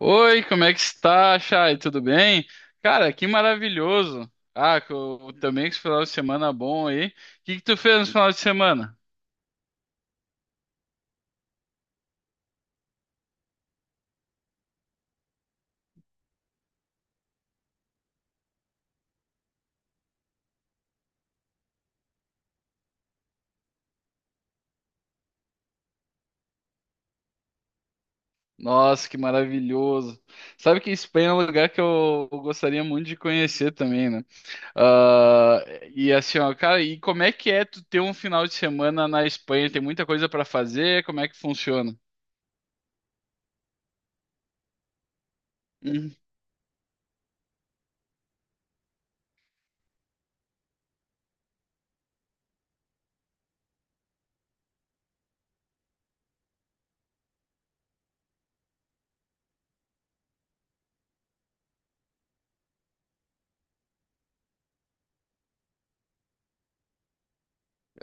Oi, como é que está, Chay? Tudo bem? Cara, que maravilhoso. Ah, também que esse final de semana bom aí. O que tu fez no final de semana? Nossa, que maravilhoso. Sabe que Espanha é um lugar que eu gostaria muito de conhecer também, né? Ah, e assim, ó, cara, e como é que é tu ter um final de semana na Espanha? Tem muita coisa para fazer? Como é que funciona? Hum.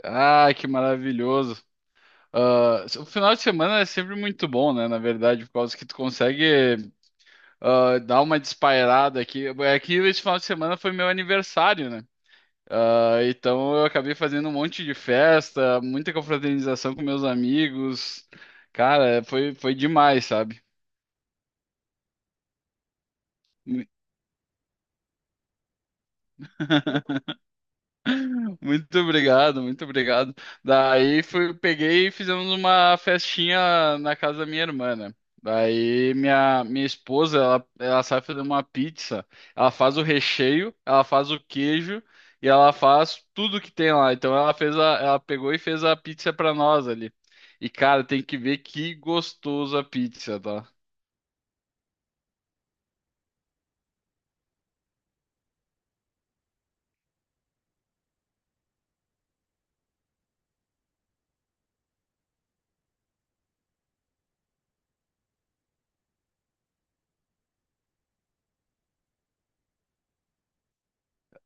Ah, que maravilhoso. Ah, o final de semana é sempre muito bom, né? Na verdade, por causa que tu consegue. Ah, dá uma despairada aqui. É que esse final de semana foi meu aniversário, né? Ah, então eu acabei fazendo um monte de festa, muita confraternização com meus amigos. Cara, foi demais, sabe? Muito obrigado, muito obrigado. Daí fui, peguei e fizemos uma festinha na casa da minha irmã, né? Daí minha esposa, ela sabe fazer uma pizza. Ela faz o recheio, ela faz o queijo e ela faz tudo que tem lá. Então ela pegou e fez a pizza pra nós ali. E cara, tem que ver que gostoso a pizza, tá?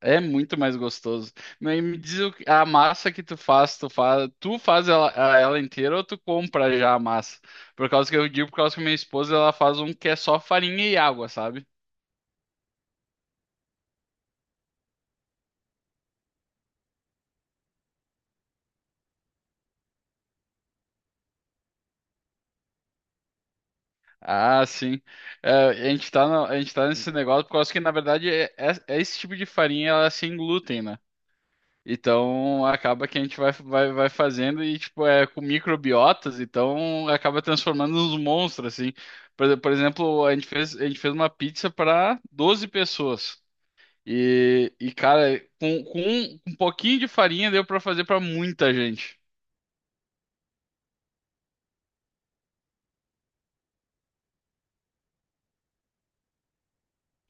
É muito mais gostoso. Mas me diz o que- a massa que tu faz, tu faz ela inteira ou tu compra já a massa? Por causa que eu digo, por causa que minha esposa ela faz um que é só farinha e água, sabe? Ah, sim. É, a gente tá no- a gente tá nesse negócio por causa que, na verdade, é esse tipo de farinha ela é sem glúten, né? Então acaba que a gente vai fazendo e tipo é com microbiotas, então acaba transformando nos monstros assim. Por exemplo, a gente fez uma pizza para 12 pessoas. E cara, com um pouquinho de farinha deu para fazer para muita gente.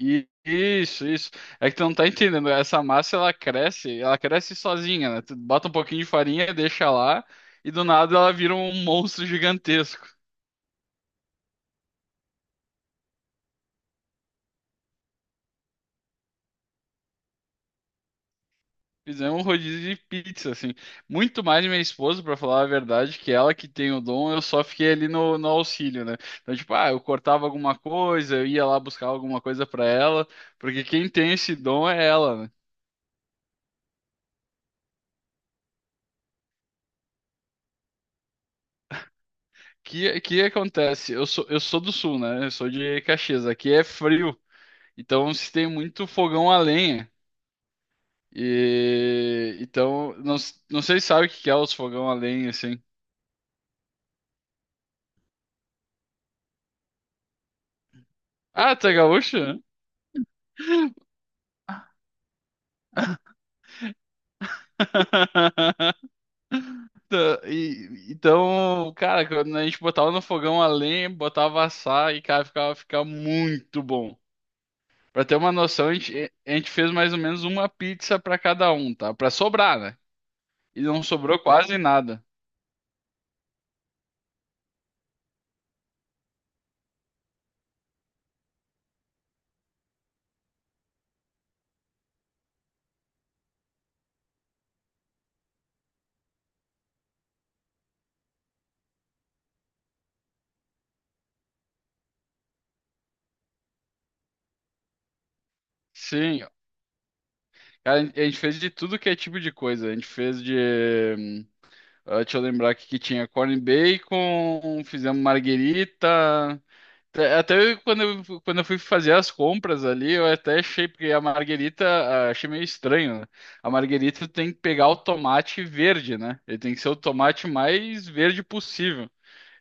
E isso, isso. É que tu não tá entendendo, essa massa ela cresce sozinha, né? Tu bota um pouquinho de farinha, deixa lá e do nada ela vira um monstro gigantesco. Fizemos um rodízio de pizza, assim. Muito mais minha esposa, pra falar a verdade, que ela que tem o dom, eu só fiquei ali no auxílio, né? Então, tipo, ah, eu cortava alguma coisa, eu ia lá buscar alguma coisa pra ela, porque quem tem esse dom é ela, né? Que acontece? Eu sou do sul, né? Eu sou de Caxias. Aqui é frio, então se tem muito fogão a lenha. E então, não, não sei se sabe o que que é os fogão a lenha, assim. Ah, tu é gaúcho? Então, cara, quando a gente botava no fogão a lenha, botava assar e, cara, ficava muito bom. Pra ter uma noção, a gente fez mais ou menos uma pizza pra cada um, tá? Pra sobrar, né? E não sobrou quase nada. Sim, cara, a gente fez de tudo que é tipo de coisa. A gente fez de. Hum, ah, deixa eu lembrar aqui que tinha corn bacon, fizemos marguerita. É, quando quando eu fui fazer as compras ali, eu até achei, porque a Marguerita, ah, achei meio estranho, né? A Marguerita tem que pegar o tomate verde, né? Ele tem que ser o tomate mais verde possível.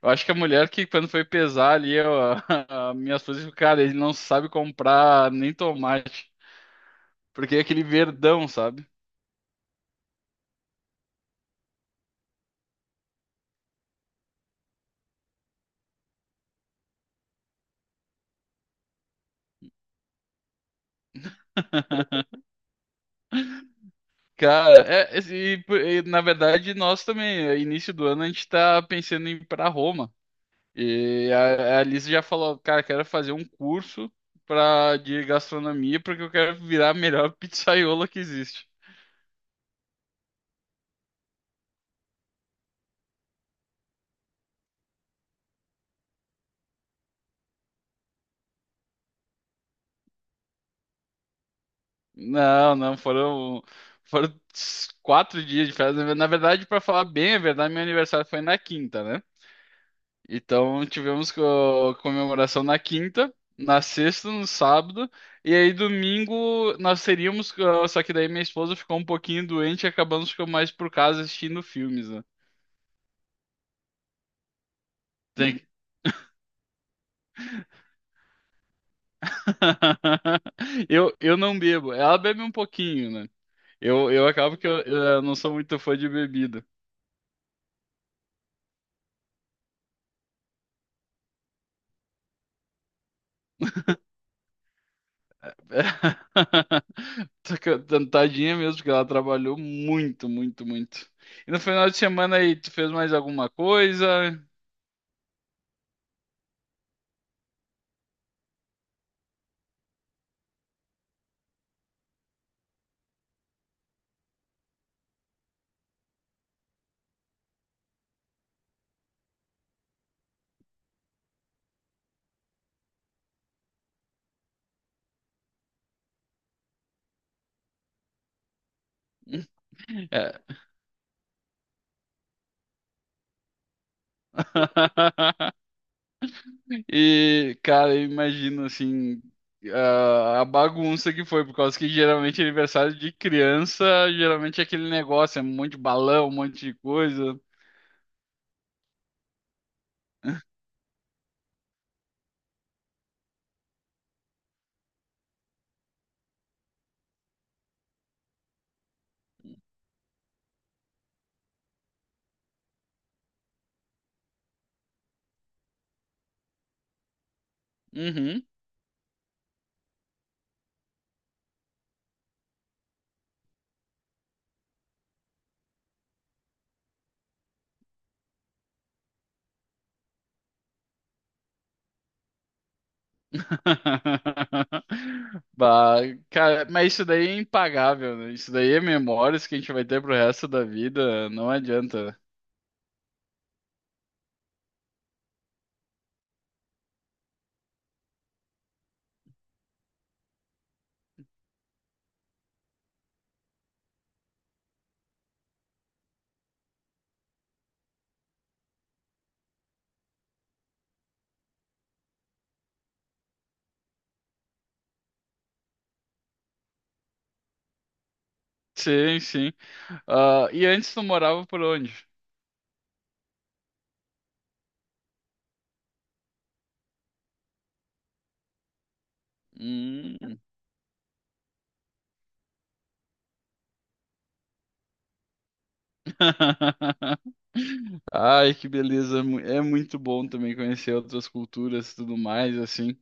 Eu acho que a mulher que, quando foi pesar ali, a minha esposa disse, cara, ele não sabe comprar nem tomate, porque é aquele verdão, sabe? Cara, e, na verdade, nós também, início do ano, a gente tá pensando em ir pra Roma. E a Alice já falou, cara, quero fazer um curso de gastronomia porque eu quero virar a melhor pizzaiola que existe. Não, foram 4 dias de festa. Na verdade, pra falar bem a verdade, meu aniversário foi na quinta, né? Então tivemos comemoração na quinta, na sexta, no sábado, e aí domingo só que daí minha esposa ficou um pouquinho doente e acabamos ficando mais por casa assistindo filmes, né? Tem eu não bebo. Ela bebe um pouquinho, né? Eu, eu não sou muito fã de bebida. Tadinha mesmo, porque ela trabalhou muito, muito, muito. E no final de semana aí, tu fez mais alguma coisa? É. E, cara, eu imagino assim, a bagunça que foi, por causa que geralmente é aniversário de criança, geralmente é aquele negócio, é um monte de balão, um monte de coisa. Uhum. Bah, cara, mas isso daí é impagável, né? Isso daí é memórias que a gente vai ter pro resto da vida, não adianta. Sim, sim. Ah, e antes tu morava por onde? Hum. Ai, que beleza. É muito bom também conhecer outras culturas e tudo mais, assim.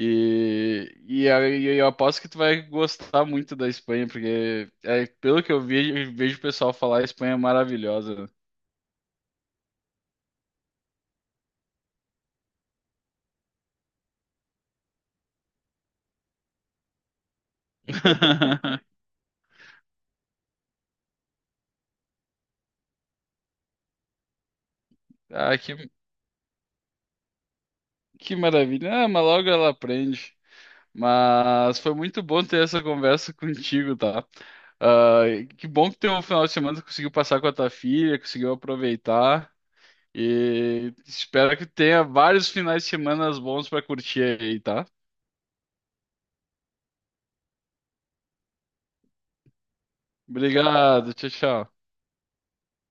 E, aí eu aposto que tu vai gostar muito da Espanha, porque é, pelo que eu vejo, vejo o pessoal falar, a Espanha é maravilhosa, né? Ah, que maravilha. Ah, mas logo ela aprende. Mas foi muito bom ter essa conversa contigo, tá? Ah, que bom que teu final de semana tu conseguiu passar com a tua filha, conseguiu aproveitar. E espero que tenha vários finais de semana bons pra curtir aí, tá? Obrigado, tchau, tchau.